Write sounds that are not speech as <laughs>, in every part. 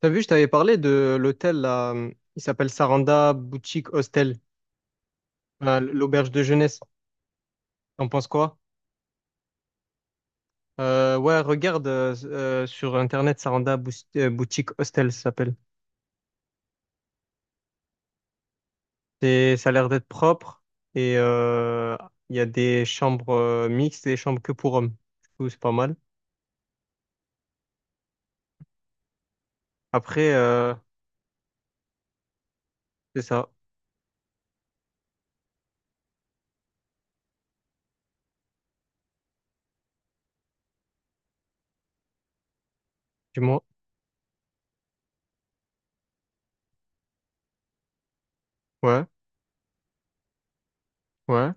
T'as vu, je t'avais parlé de l'hôtel là, il s'appelle Saranda Boutique Hostel, l'auberge de jeunesse. T'en penses quoi? Ouais, regarde sur internet Saranda Boutique Hostel ça s'appelle. Ça a l'air d'être propre et il y a des chambres mixtes et des chambres que pour hommes. Du coup, c'est pas mal. Après, c'est ça. Dis-moi. Ouais, ouais.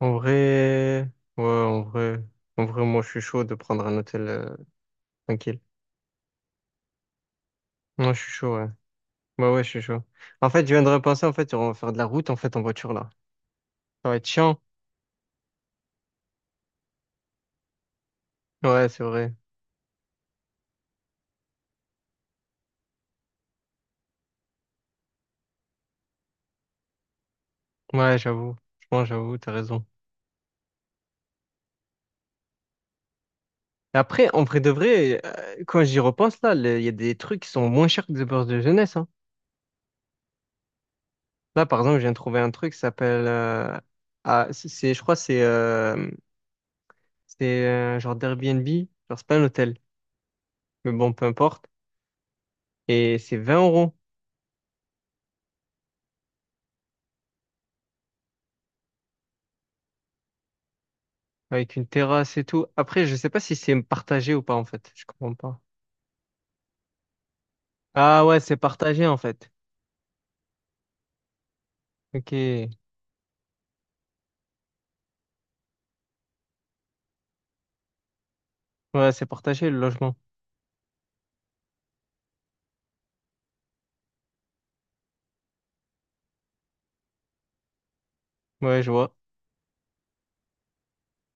En vrai, ouais, moi je suis chaud de prendre un hôtel tranquille. Moi je suis chaud, ouais. Bah ouais, je suis chaud. En fait, je viens de repenser, en fait, on va faire de la route, en fait, en voiture, là. Ça va être chiant. Ouais, c'est vrai. Ouais, j'avoue. Franchement, j'avoue, t'as raison. Et après, en vrai de vrai, quand j'y repense, là, il y a des trucs qui sont moins chers que des bourses de jeunesse, hein. Là, par exemple, je viens de trouver un truc qui s'appelle, je crois, que c'est genre d'Airbnb. Genre, c'est pas un hôtel. Mais bon, peu importe. Et c'est 20 euros. Avec une terrasse et tout. Après, je sais pas si c'est partagé ou pas, en fait. Je comprends pas. Ah ouais, c'est partagé, en fait. Ok. Ouais, c'est partagé le logement. Ouais, je vois.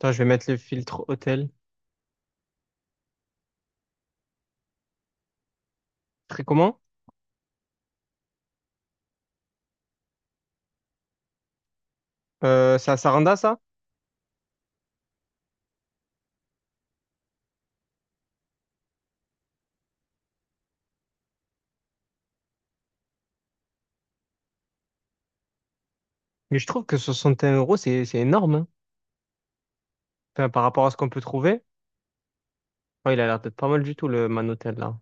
Attends, je vais mettre le filtre hôtel. Très comment? C'est à Saranda, ça? Mais je trouve que 61 euros, c'est énorme, hein. Enfin, par rapport à ce qu'on peut trouver. Ouais, il a l'air d'être pas mal du tout, le Man Hotel là.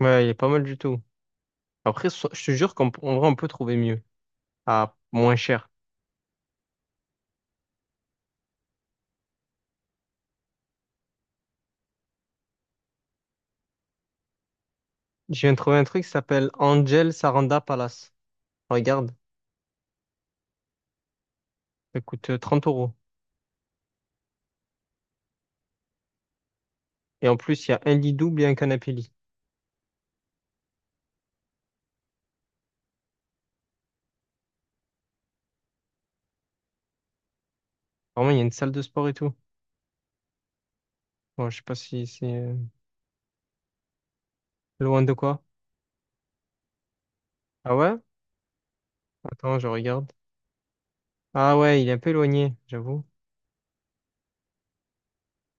Ouais, il est pas mal du tout. Après, je te jure qu'en en vrai, on peut trouver mieux. À moins cher. Je viens de trouver un truc qui s'appelle Angel Saranda Palace. Regarde, ça coûte 30 euros. Et en plus, il y a un lit double et un canapé lit. Vraiment, il y a une salle de sport et tout. Bon, je sais pas si c'est loin de quoi. Ah ouais? Attends, je regarde. Ah ouais, il est un peu éloigné, j'avoue.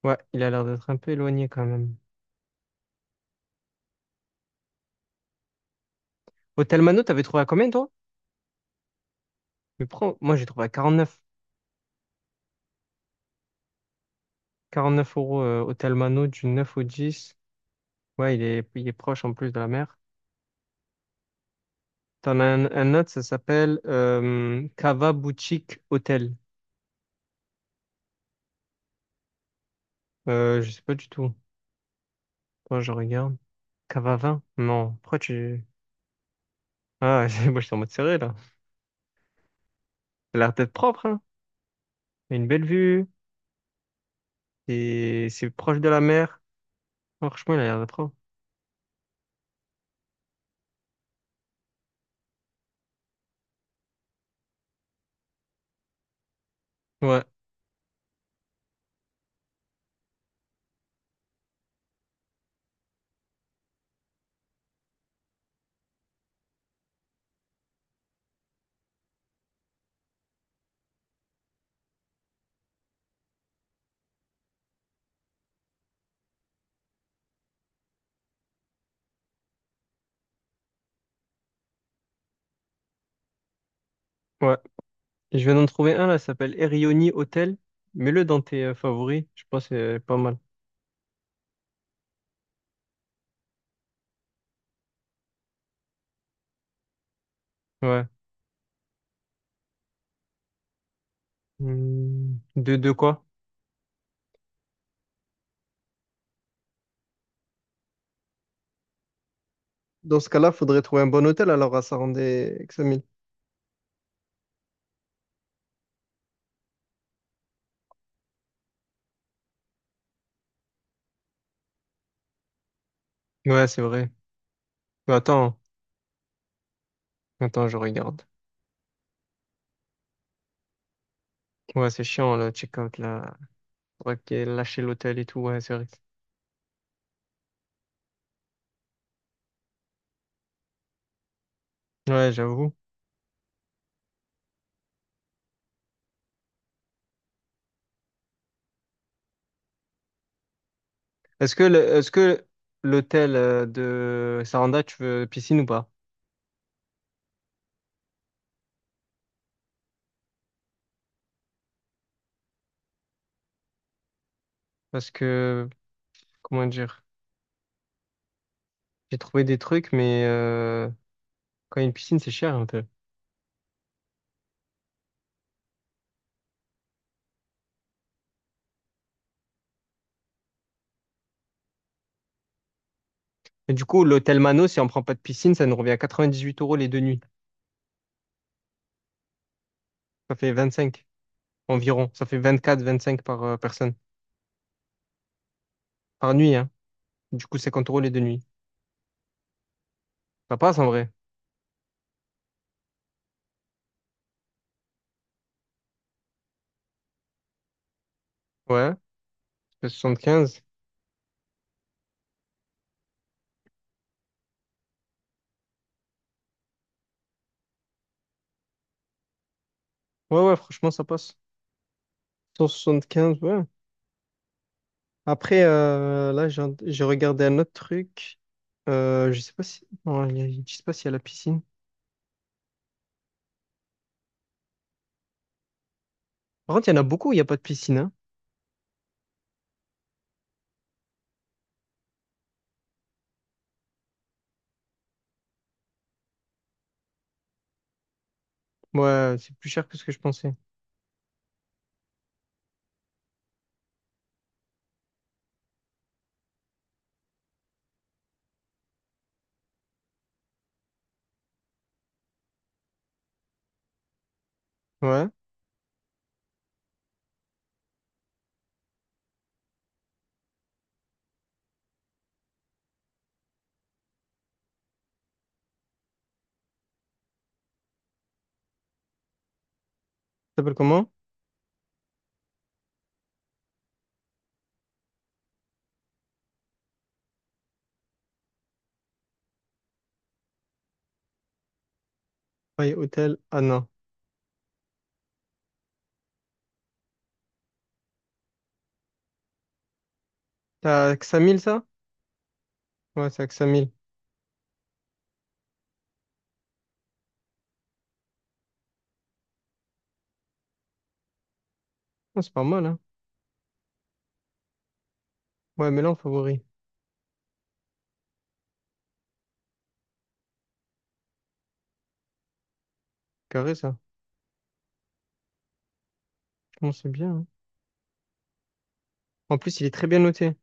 Ouais, il a l'air d'être un peu éloigné quand même. Hôtel Mano, t'avais trouvé à combien toi? Mais prends... Moi j'ai trouvé à 49. 49 euros Hôtel Mano du 9 au 10. Ouais, il est proche en plus de la mer. T'en as un autre, ça s'appelle Cava Boutique Hôtel. Je sais pas du tout. Attends, je regarde. Cava 20? Non. Pourquoi tu... Ah, <laughs> moi je suis en mode serré là. Il a l'air d'être propre, hein. Il a une belle vue. Et c'est proche de la mer. Franchement, il a l'air d'être propre. Ouais, ouais, je viens d'en trouver un là, ça s'appelle Erioni Hotel. Mets-le dans tes favoris, je pense que c'est pas mal. Ouais. De quoi? Dans ce cas-là, faudrait trouver un bon hôtel alors à Sarandé-Examil. Ouais, c'est vrai. Mais attends, je regarde. Ouais, c'est chiant le check-out là. Faudrait que lâcher l'hôtel et tout, ouais, c'est vrai. Ouais, j'avoue. Est-ce que l'hôtel de Saranda, tu veux piscine ou pas? Parce que, comment dire, j'ai trouvé des trucs, mais quand il y a une piscine, c'est cher un peu. Et du coup, l'hôtel Mano, si on prend pas de piscine, ça nous revient à 98 euros les deux nuits. Ça fait 25 environ. Ça fait 24, 25 par personne. Par nuit, hein. Du coup, 50 euros les deux nuits. Ça passe en vrai. Ouais. Ça fait 75. Ouais, ouais, franchement, ça passe. 175, ouais. Après, là, j'ai regardé un autre truc. Je sais pas si. Non, je sais pas s'il y a la piscine. Par contre, il y en a beaucoup où il n'y a pas de piscine, hein. Ouais, c'est plus cher que ce que je pensais. Ouais. Ça s'appelle comment? Ouais, hôtel. Ah non. T'as que 5 000, ça? Ouais, c'est à que 5 000. Ah, c'est pas mal, hein. Ouais, mais là, en favori. Carré, ça. Franchement, c'est bien, hein. En plus, il est très bien noté.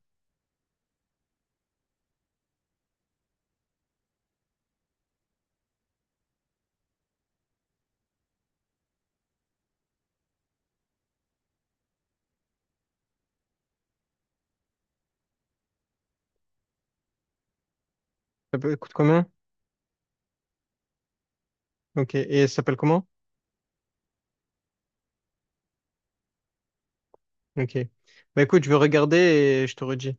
Coûte combien? Ok. Et ça s'appelle comment? Ok. Bah écoute, je vais regarder et je te redis.